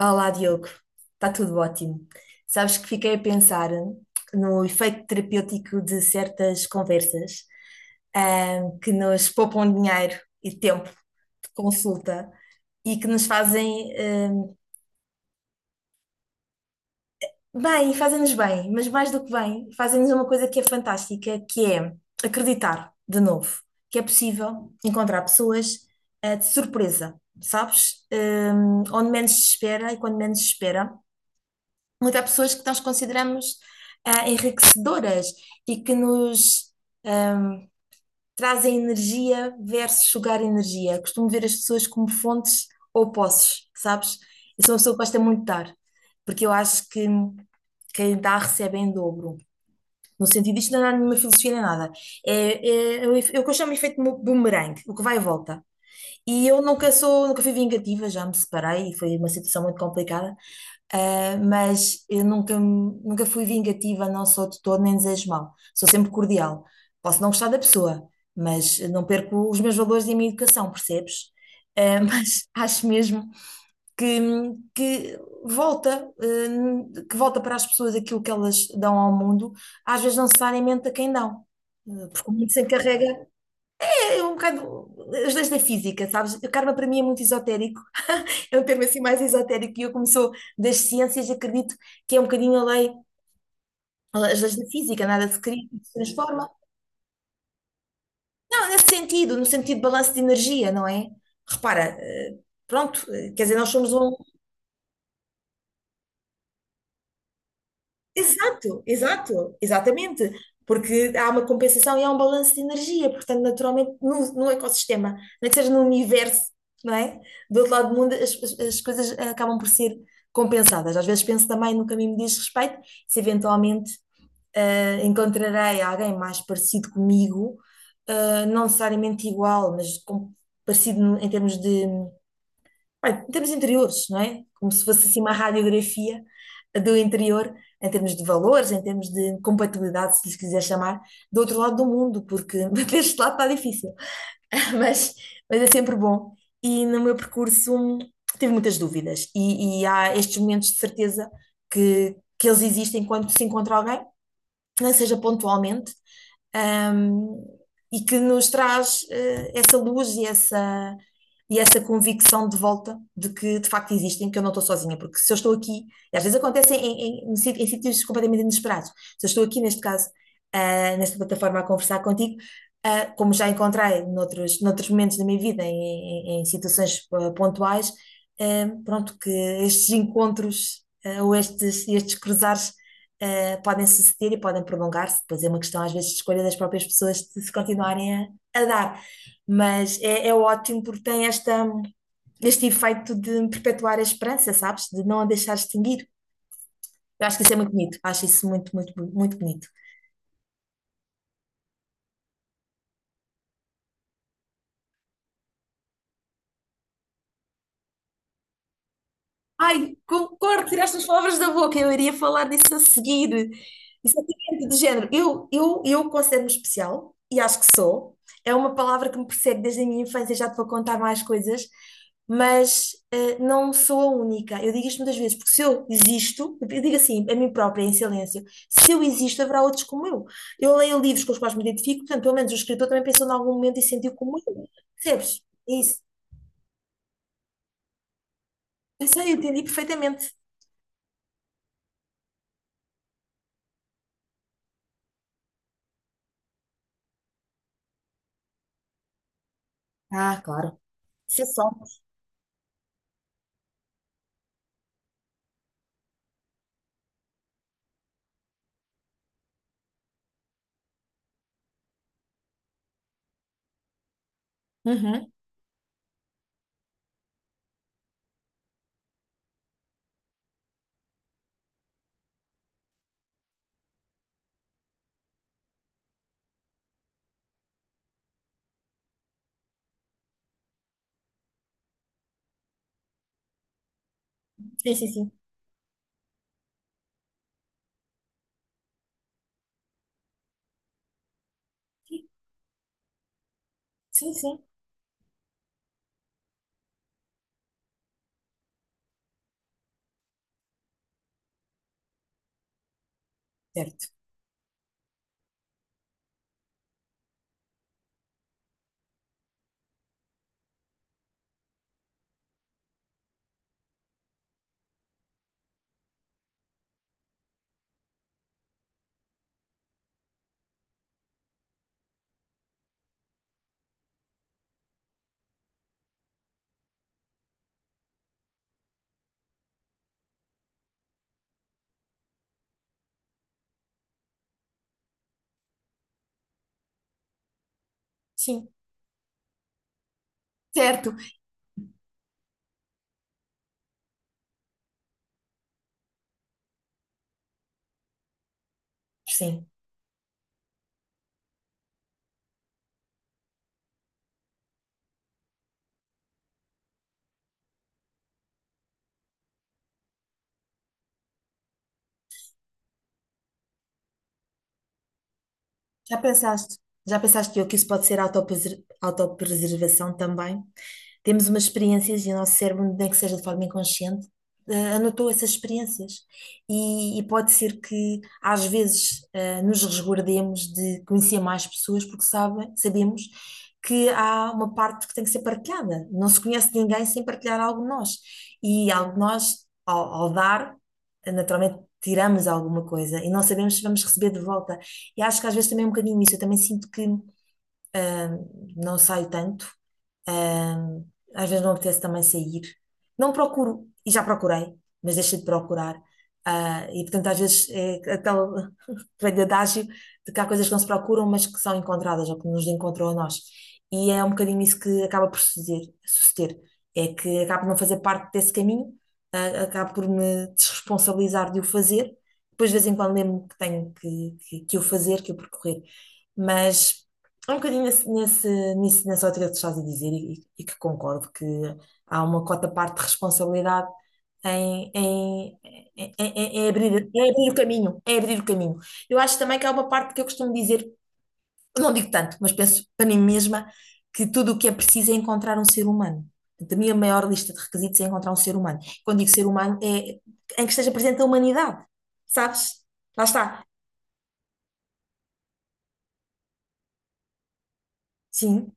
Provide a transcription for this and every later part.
Olá, Diogo. Está tudo ótimo. Sabes que fiquei a pensar no efeito terapêutico de certas conversas, que nos poupam dinheiro e tempo de consulta e que nos fazem, bem, fazem-nos bem, mas mais do que bem, fazem-nos uma coisa que é fantástica, que é acreditar de novo que é possível encontrar pessoas, de surpresa, sabes? Onde menos se espera e quando menos se espera. Mas há pessoas que nós consideramos enriquecedoras e que nos ahm, trazem energia versus sugar energia. Costumo ver as pessoas como fontes ou poços, sabes? Eu sou uma pessoa que gosta muito de dar, porque eu acho que quem dá recebe em dobro. No sentido, isto não é nenhuma filosofia nem nada. É, é o que eu chamo de efeito boomerang, o que vai e volta. E eu nunca sou, nunca fui vingativa, já me separei e foi uma situação muito complicada. Mas eu nunca, nunca fui vingativa, não sou de todo, nem desejo mal. Sou sempre cordial. Posso não gostar da pessoa, mas não perco os meus valores e a minha educação, percebes? Mas acho mesmo que, que que volta para as pessoas aquilo que elas dão ao mundo, às vezes não necessariamente a quem dão, porque o mundo se encarrega. É um bocado as leis da física, sabes? O karma para mim é muito esotérico, é um termo assim mais esotérico e eu como sou das ciências acredito que é um bocadinho a lei, as leis da física, nada se cria, se transforma. Não, nesse sentido, no sentido de balanço de energia, não é? Repara, pronto, quer dizer, nós somos um. Exato, exato, exatamente. Porque há uma compensação e há um balanço de energia, portanto, naturalmente, no ecossistema, nem que seja no universo, não é? Do outro lado do mundo, as coisas acabam por ser compensadas. Às vezes penso também no que a mim me diz respeito, se eventualmente encontrarei alguém mais parecido comigo, não necessariamente igual, mas parecido em termos de bem, em termos interiores, não é? Como se fosse assim uma radiografia do interior, em termos de valores, em termos de compatibilidade, se lhes quiser chamar, do outro lado do mundo, porque deste lado está difícil. Mas, mas é sempre bom. E no meu percurso tive muitas dúvidas. E há estes momentos de certeza que eles existem quando se encontra alguém, nem que seja pontualmente, um, e que nos traz essa luz e essa convicção de volta de que de facto existem, que eu não estou sozinha, porque se eu estou aqui, e às vezes acontece em sítios completamente inesperados, se eu estou aqui neste caso, nesta plataforma a conversar contigo, como já encontrei noutros, noutros momentos da minha vida, em situações pontuais, pronto, que estes encontros ou estes cruzares podem suceder e podem prolongar-se. Depois é uma questão, às vezes, de escolha das próprias pessoas de se continuarem a dar. Mas é ótimo porque tem este efeito de perpetuar a esperança, sabes? De não a deixar extinguir. Eu acho que isso é muito bonito. Acho isso muito, muito, muito bonito. Ai, concordo, tiraste as palavras da boca, eu iria falar disso a seguir. Exatamente, de género. Eu considero-me especial, e acho que sou. É uma palavra que me persegue desde a minha infância, já te vou contar mais coisas, mas não sou a única. Eu digo isto muitas vezes, porque se eu existo, eu digo assim, a mim própria, em silêncio, se eu existo, haverá outros como eu. Eu leio livros com os quais me identifico, portanto, pelo menos o escritor também pensou em algum momento e sentiu como eu. Percebes? É isso. Eu sei, eu entendi perfeitamente. Ah, claro. Isso é só. Uhum. Sim, sim, sim. Sim, sim. Certo. Sim. Certo. Sim. Já pensaste? Já pensaste que o que isso pode ser autopreservação também? Temos umas experiências e o nosso cérebro, nem que seja de forma inconsciente, anotou essas experiências. E pode ser que, às vezes, nos resguardemos de conhecer mais pessoas porque sabemos que há uma parte que tem que ser partilhada. Não se conhece ninguém sem partilhar algo de nós. E algo de nós, ao dar, naturalmente tiramos alguma coisa e não sabemos se vamos receber de volta. E acho que às vezes também é um bocadinho isso. Eu também sinto que. Ahm, não saio tanto. Ahm, às vezes não apetece também sair. Não procuro, e já procurei, mas deixei de procurar. Ah, e portanto, às vezes é aquele velho adágio de que há coisas que não se procuram, mas que são encontradas ou que nos encontram a nós. E é um bocadinho isso que acaba por suceder. É que acabo por não fazer parte desse caminho, acabo por me desresponsabilizar de o fazer. Depois, de vez em quando, lembro-me que tenho que o fazer, que o percorrer. Mas. É um bocadinho nessa ótica que tu estás a dizer e que concordo que há uma cota parte de responsabilidade em, em, em abrir o caminho, em abrir o caminho. Eu acho também que há uma parte que eu costumo dizer, não digo tanto, mas penso para mim mesma, que tudo o que é preciso é encontrar um ser humano. Portanto, a minha maior lista de requisitos é encontrar um ser humano. Quando digo ser humano, é em que esteja presente a humanidade, sabes? Lá está. Sim.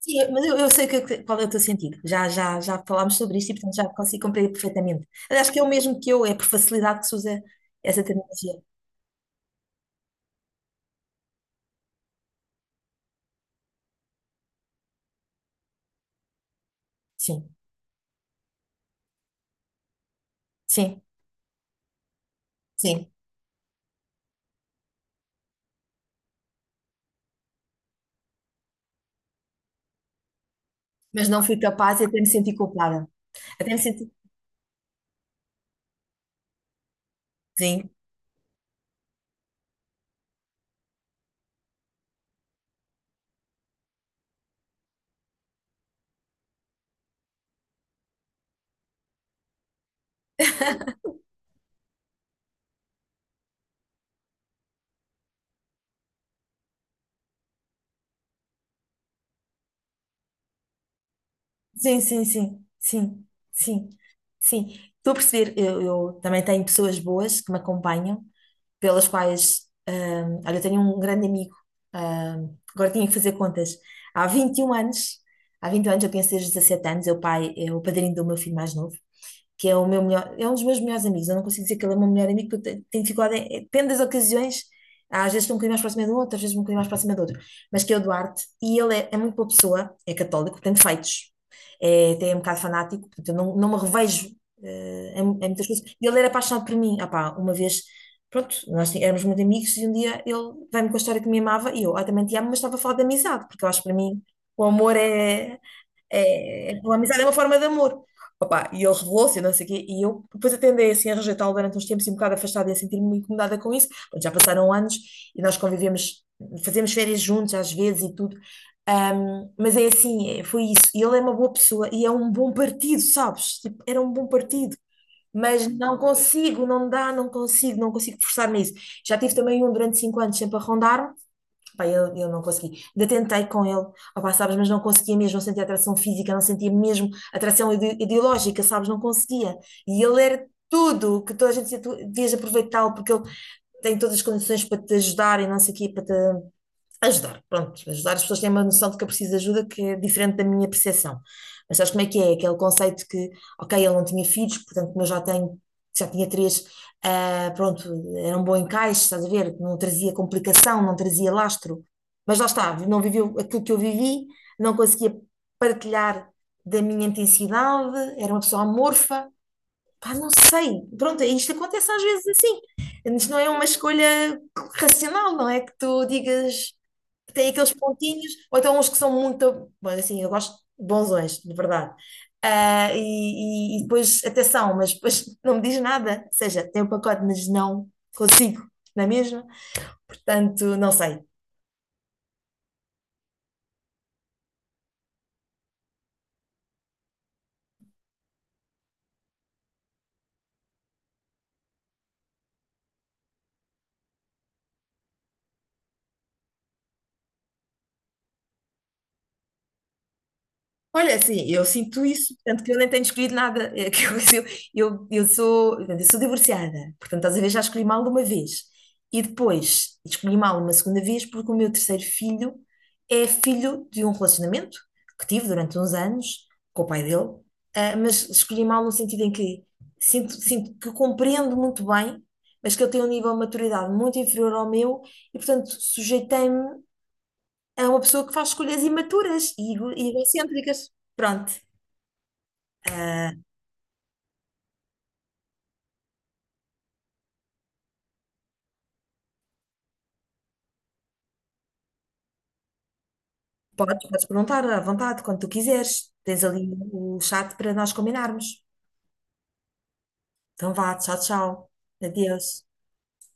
Sim, mas eu sei qual é o teu sentido. Já falámos sobre isto e, portanto, já consigo compreender perfeitamente. Aliás, que é o mesmo que eu, é por facilidade que se usa essa terminologia. Sim, sim, sim. Mas não fui capaz e até me senti culpada. Até me senti. Sim, sim, sim, sim, sim, sim, sim. Estou a perceber, eu também tenho pessoas boas que me acompanham pelas quais, olha, eu tenho um grande amigo, agora tinha que fazer contas, há 21 anos, eu penso desde os 17 anos, é o pai, é o padrinho do meu filho mais novo, que é o meu melhor, é um dos meus melhores amigos. Eu não consigo dizer que ele é o meu melhor amigo, porque eu tenho dificuldade, depende das ocasiões. Ah, às vezes estou um bocadinho mais próxima de um outro, às vezes um bocadinho mais próxima de outro, mas que é o Duarte, e ele é muito boa pessoa, é católico, tem defeitos, é, tem é um bocado fanático, portanto eu não, não me revejo em muitas coisas. E ele era apaixonado por mim, ah pá, uma vez, pronto, nós éramos muito amigos, e um dia ele veio-me com a história que me amava, e eu, ah, também te amo, mas estava a falar de amizade, porque eu acho que para mim o amor a amizade é uma forma de amor. Opa, e ele revelou-se, e não sei o quê, e eu depois atendei assim a rejeitá-lo durante uns tempos e um bocado afastada e a sentir-me incomodada com isso. Pronto, já passaram anos e nós convivemos, fazemos férias juntos às vezes e tudo. Mas é assim, foi isso. E ele é uma boa pessoa e é um bom partido, sabes? Tipo, era um bom partido, mas não consigo, não dá, não consigo, não consigo forçar-me a isso. Já tive também um durante 5 anos sempre a rondar-me. Pá, eu não consegui. Ainda tentei com ele, opá, sabes, mas não conseguia mesmo, não sentia atração física, não sentia mesmo atração ideológica, sabes, não conseguia. E ele era tudo o que toda a gente dizia, tu devias aproveitá-lo, porque ele tem todas as condições para te ajudar e não sei o quê, para te ajudar, pronto, ajudar as pessoas têm uma noção de que eu preciso de ajuda que é diferente da minha percepção. Mas sabes como é que é? Aquele conceito que, ok, ele não tinha filhos, portanto, como eu já tenho, já tinha três, ah, pronto, era um bom encaixe, estás a ver? Não trazia complicação, não trazia lastro. Mas lá está, não viveu aquilo que eu vivi, não conseguia partilhar da minha intensidade, era uma pessoa amorfa. Pá, não sei, pronto, isto acontece às vezes assim. Isto não é uma escolha racional, não é que tu digas tem aqueles pontinhos, ou então uns que são muito. Bom, assim, eu gosto de bonzões, de verdade. Ah, e depois, até são, mas depois não me diz nada. Ou seja, tem o pacote, mas não consigo, não é mesmo? Portanto, não sei. Olha, assim, eu sinto isso, tanto que eu nem tenho escolhido nada. É que eu, eu sou, portanto, eu sou divorciada, portanto, às vezes já escolhi mal de uma vez. E depois escolhi mal uma segunda vez porque o meu terceiro filho é filho de um relacionamento que tive durante uns anos com o pai dele, mas escolhi mal no sentido em que sinto que compreendo muito bem, mas que ele tem um nível de maturidade muito inferior ao meu e, portanto, sujeitei-me. É uma pessoa que faz escolhas imaturas e e egocêntricas. Pronto. Ah, podes perguntar à vontade, quando tu quiseres. Tens ali o chat para nós combinarmos. Então vá, tchau, tchau. Adeus.